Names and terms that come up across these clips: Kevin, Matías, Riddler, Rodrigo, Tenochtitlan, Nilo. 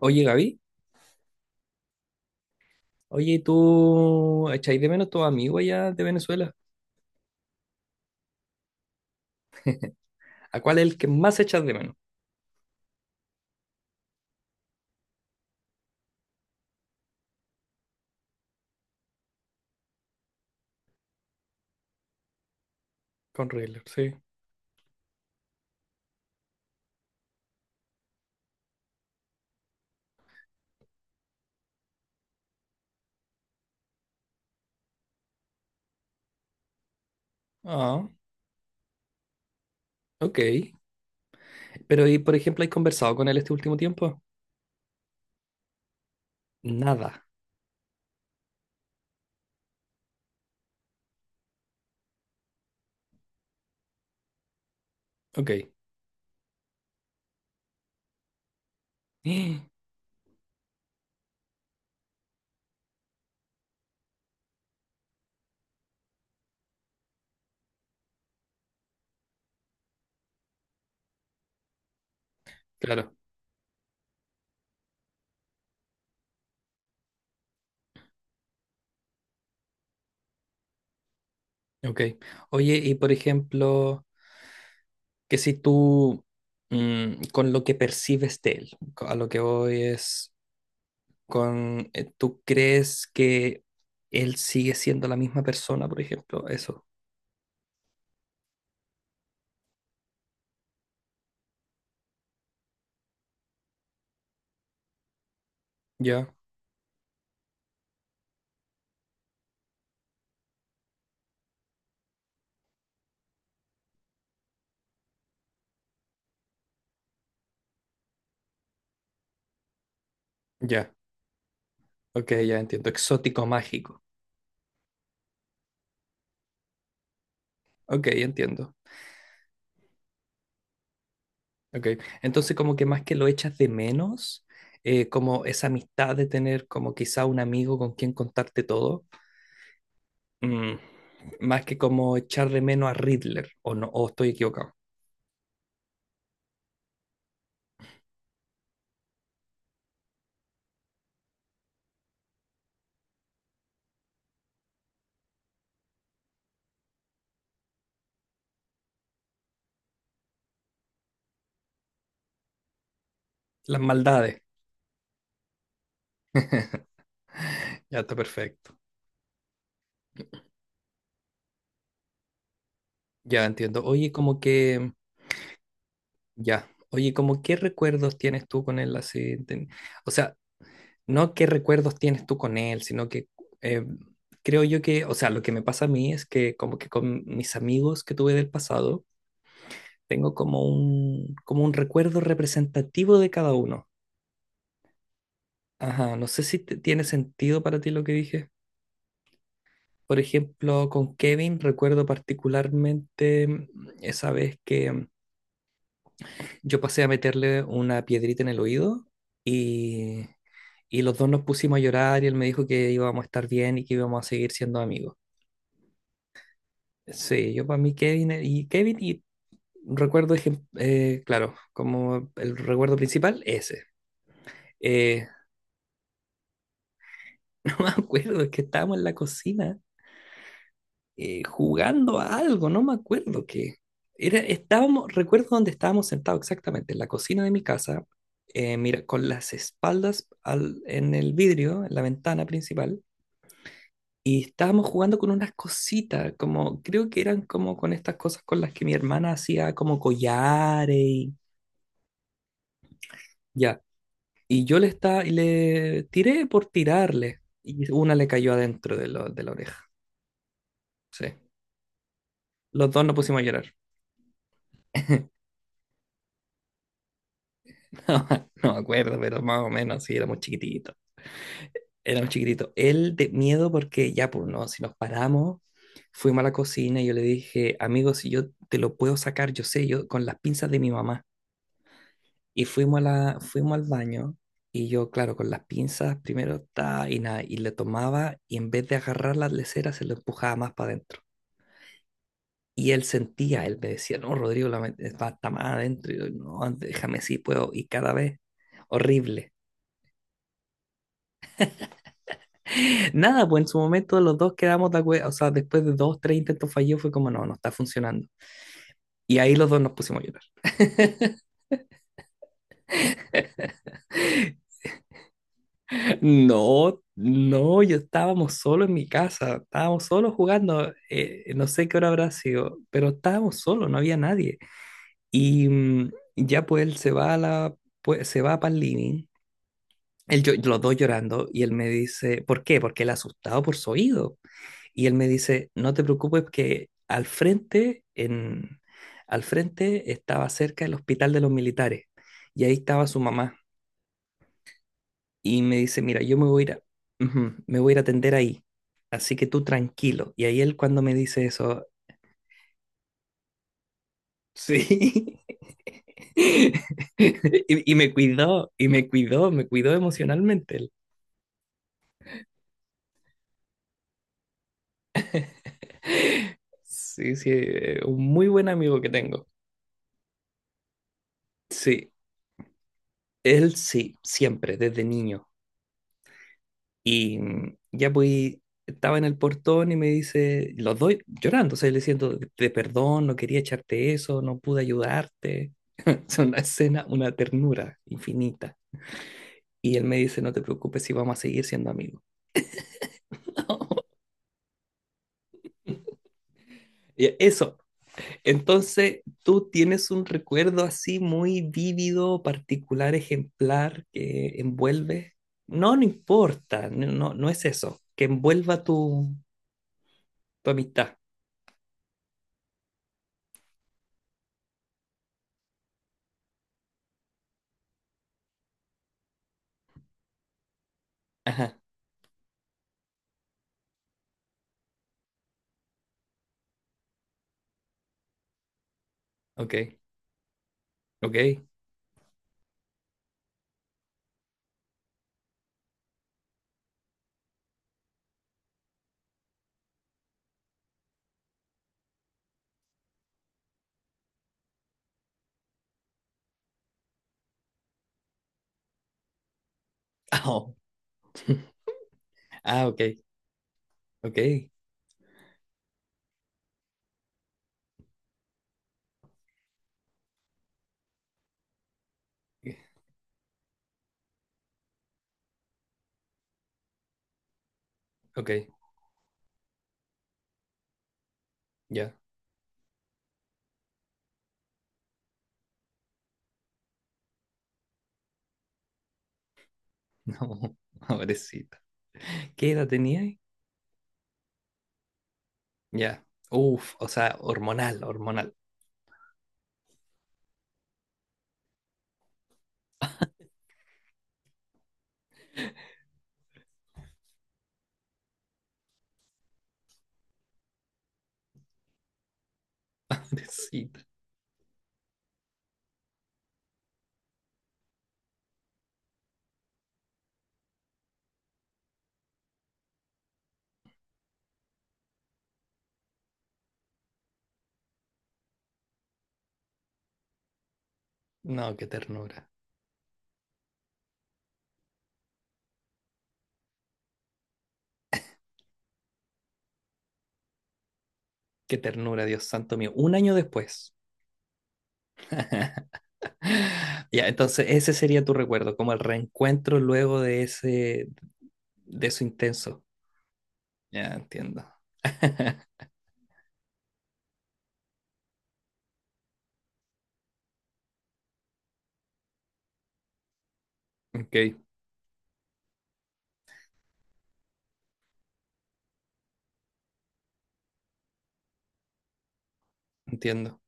Oye, Gaby, oye, ¿y ¿tú echáis de menos tus amigos allá de Venezuela? ¿A cuál es el que más echas de menos? Con Riddler, sí. Ah, ok. Pero, ¿y por ejemplo, has conversado con él este último tiempo? Nada. Ok. Claro, ok. Oye, y por ejemplo, que si tú, mm, con lo que percibes de él, a lo que voy es con, ¿tú crees que él sigue siendo la misma persona, por ejemplo? Eso. Ya, ya. Ok, ya entiendo. Exótico mágico. Ok, entiendo. Ok. Entonces, como que más que lo echas de menos, como esa amistad de tener como quizá un amigo con quien contarte todo, mm, más que como echar de menos a Riddler, o no, o estoy equivocado. Las maldades. Ya está perfecto. Ya entiendo. Ya. Oye, como qué recuerdos tienes tú con él así. O sea, no qué recuerdos tienes tú con él, sino que eh, creo yo que, o sea, lo que me pasa a mí es que como que con mis amigos que tuve del pasado, tengo como un recuerdo representativo de cada uno. Ajá, no sé si tiene sentido para ti lo que dije. Por ejemplo, con Kevin recuerdo particularmente esa vez que yo pasé a meterle una piedrita en el oído y, y los dos nos pusimos a llorar y él me dijo que íbamos a estar bien y que íbamos a seguir siendo amigos. Sí, yo para mí Kevin y Kevin y recuerdo, claro, como el recuerdo principal, ese. Eh, no me acuerdo, es que estábamos en la cocina jugando a algo, no me acuerdo qué. Recuerdo dónde estábamos sentados exactamente, en la cocina de mi casa, mira, con las espaldas en el vidrio, en la ventana principal, y estábamos jugando con unas cositas, como creo que eran como con estas cosas con las que mi hermana hacía como collares y... Ya. Y le tiré por tirarle. Y una le cayó adentro de la oreja. Sí. Los dos nos pusimos a llorar. No, no me acuerdo, pero más o menos, sí, éramos chiquititos. Éramos chiquititos. Él de miedo porque ya, pues no, si nos paramos, fuimos a la cocina y yo le dije, amigo, si yo te lo puedo sacar, yo sé, yo con las pinzas de mi mamá. Y fuimos fuimos al baño y yo, claro, con las pinzas primero ta, y nada, y le tomaba y en vez de agarrar las leceras se lo empujaba más para adentro. Y él sentía, él me decía, no, Rodrigo, está más adentro. Y yo, no, déjame si puedo. Y cada vez, horrible. Nada, pues en su momento los dos quedamos de acuerdo. O sea, después de dos, tres intentos fallidos, fue como, no, no está funcionando. Y ahí los dos nos pusimos a llorar. No, no, yo estábamos solos en mi casa. Estábamos solos jugando. No sé qué hora habrá sido, pero estábamos solos, no había nadie. Y ya pues él se va a la, pues, se va para el living. Los dos llorando y él me dice, ¿por qué? Porque él asustado por su oído. Y él me dice, no te preocupes que al frente, en, al frente estaba cerca el hospital de los militares y ahí estaba su mamá. Y me dice, mira, yo me voy a ir a, ujú, me voy a ir a atender ahí, así que tú tranquilo. Y ahí él cuando me dice eso, sí. Y me cuidó, me cuidó emocionalmente él. Sí, sí, un muy buen amigo que tengo. Sí, él sí, siempre, desde niño. Y ya pues estaba en el portón y me dice, los doy llorando, o sea, le diciendo, de perdón, no quería echarte eso, no pude ayudarte. Es una escena, una ternura infinita. Y él me dice, no te preocupes si vamos a seguir siendo amigos. Y eso. Entonces, ¿tú tienes un recuerdo así muy vívido, particular, ejemplar que envuelve? No, no importa, no, no, no es eso, tu amistad. Ajá, ok, ok. Au. Ah, ok, ok, ok, ya. No, pobrecita. ¿Qué edad tenía ahí? Ya. Uf, o sea, hormonal, hormonal. Pobrecita. No, qué ternura. Qué ternura, Dios santo mío. Un año después. Ya, entonces ese sería tu recuerdo, como el reencuentro luego de ese, de eso intenso. Ya, entiendo. Ok, entiendo.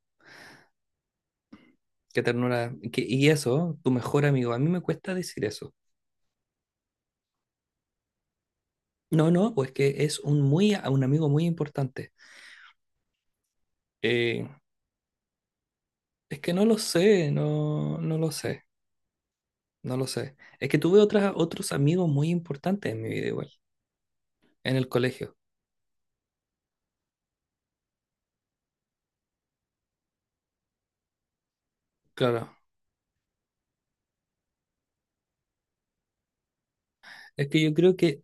Qué ternura. Y eso, tu mejor amigo. A mí me cuesta decir eso. No, no, pues que es un muy, un amigo muy importante. Eh, es que no lo sé, no, no lo sé, no lo sé. Es que tuve otras, otros amigos muy importantes en mi vida igual, en el colegio. Claro. Es que yo creo que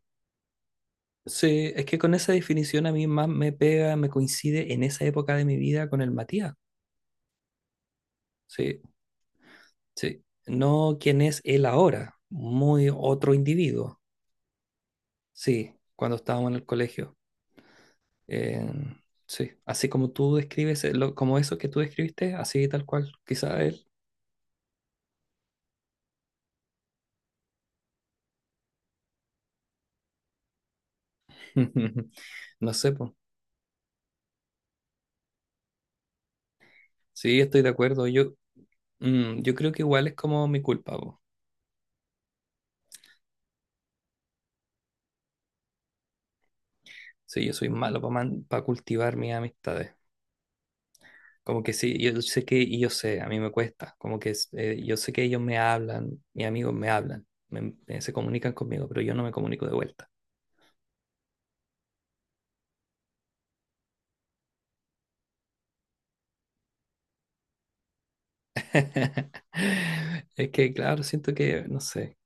sí, es que con esa definición a mí más me pega, me coincide en esa época de mi vida con el Matías. Sí, sí. No quien es él ahora, muy otro individuo. Sí, cuando estábamos en el colegio. Eh, sí, así como tú describes, como eso que tú describiste, así tal cual, quizá él. No sé, pues. Sí, estoy de acuerdo. Yo, yo creo que igual es como mi culpa, po. Sí, yo soy malo para cultivar mis amistades. Como que sí, yo sé que, y yo sé, a mí me cuesta, yo sé que ellos me hablan, mis amigos me hablan, se comunican conmigo, pero yo no me comunico de vuelta. Es que, claro, siento que, no sé,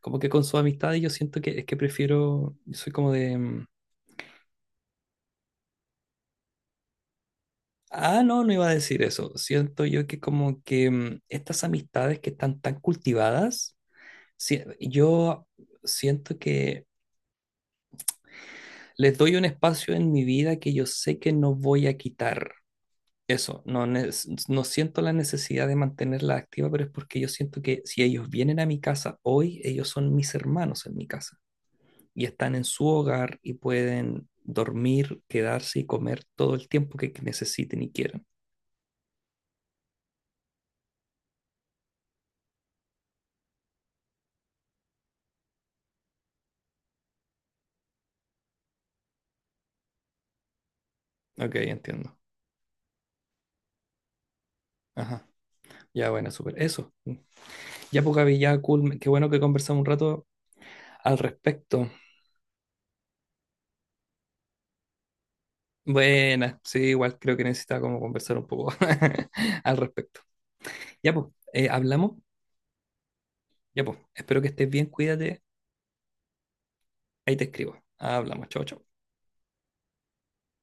como que con su amistad yo siento que es que prefiero, yo soy como de, ah, no, no iba a decir eso, siento yo que como que estas amistades que están tan cultivadas, yo siento que les doy un espacio en mi vida que yo sé que no voy a quitar. Eso, no, ne- No siento la necesidad de mantenerla activa, pero es porque yo siento que si ellos vienen a mi casa hoy, ellos son mis hermanos en mi casa y están en su hogar y pueden dormir, quedarse y comer todo el tiempo que necesiten y quieran. Ok, entiendo. Ajá. Ya, bueno, súper. Eso. Ya, poca ya, cool. Qué bueno que conversamos un rato al respecto. Buena, sí, igual creo que necesitaba como conversar un poco al respecto. Ya, pues, hablamos. Ya, pues, espero que estés bien, cuídate. Ahí te escribo. Hablamos, chao, chao.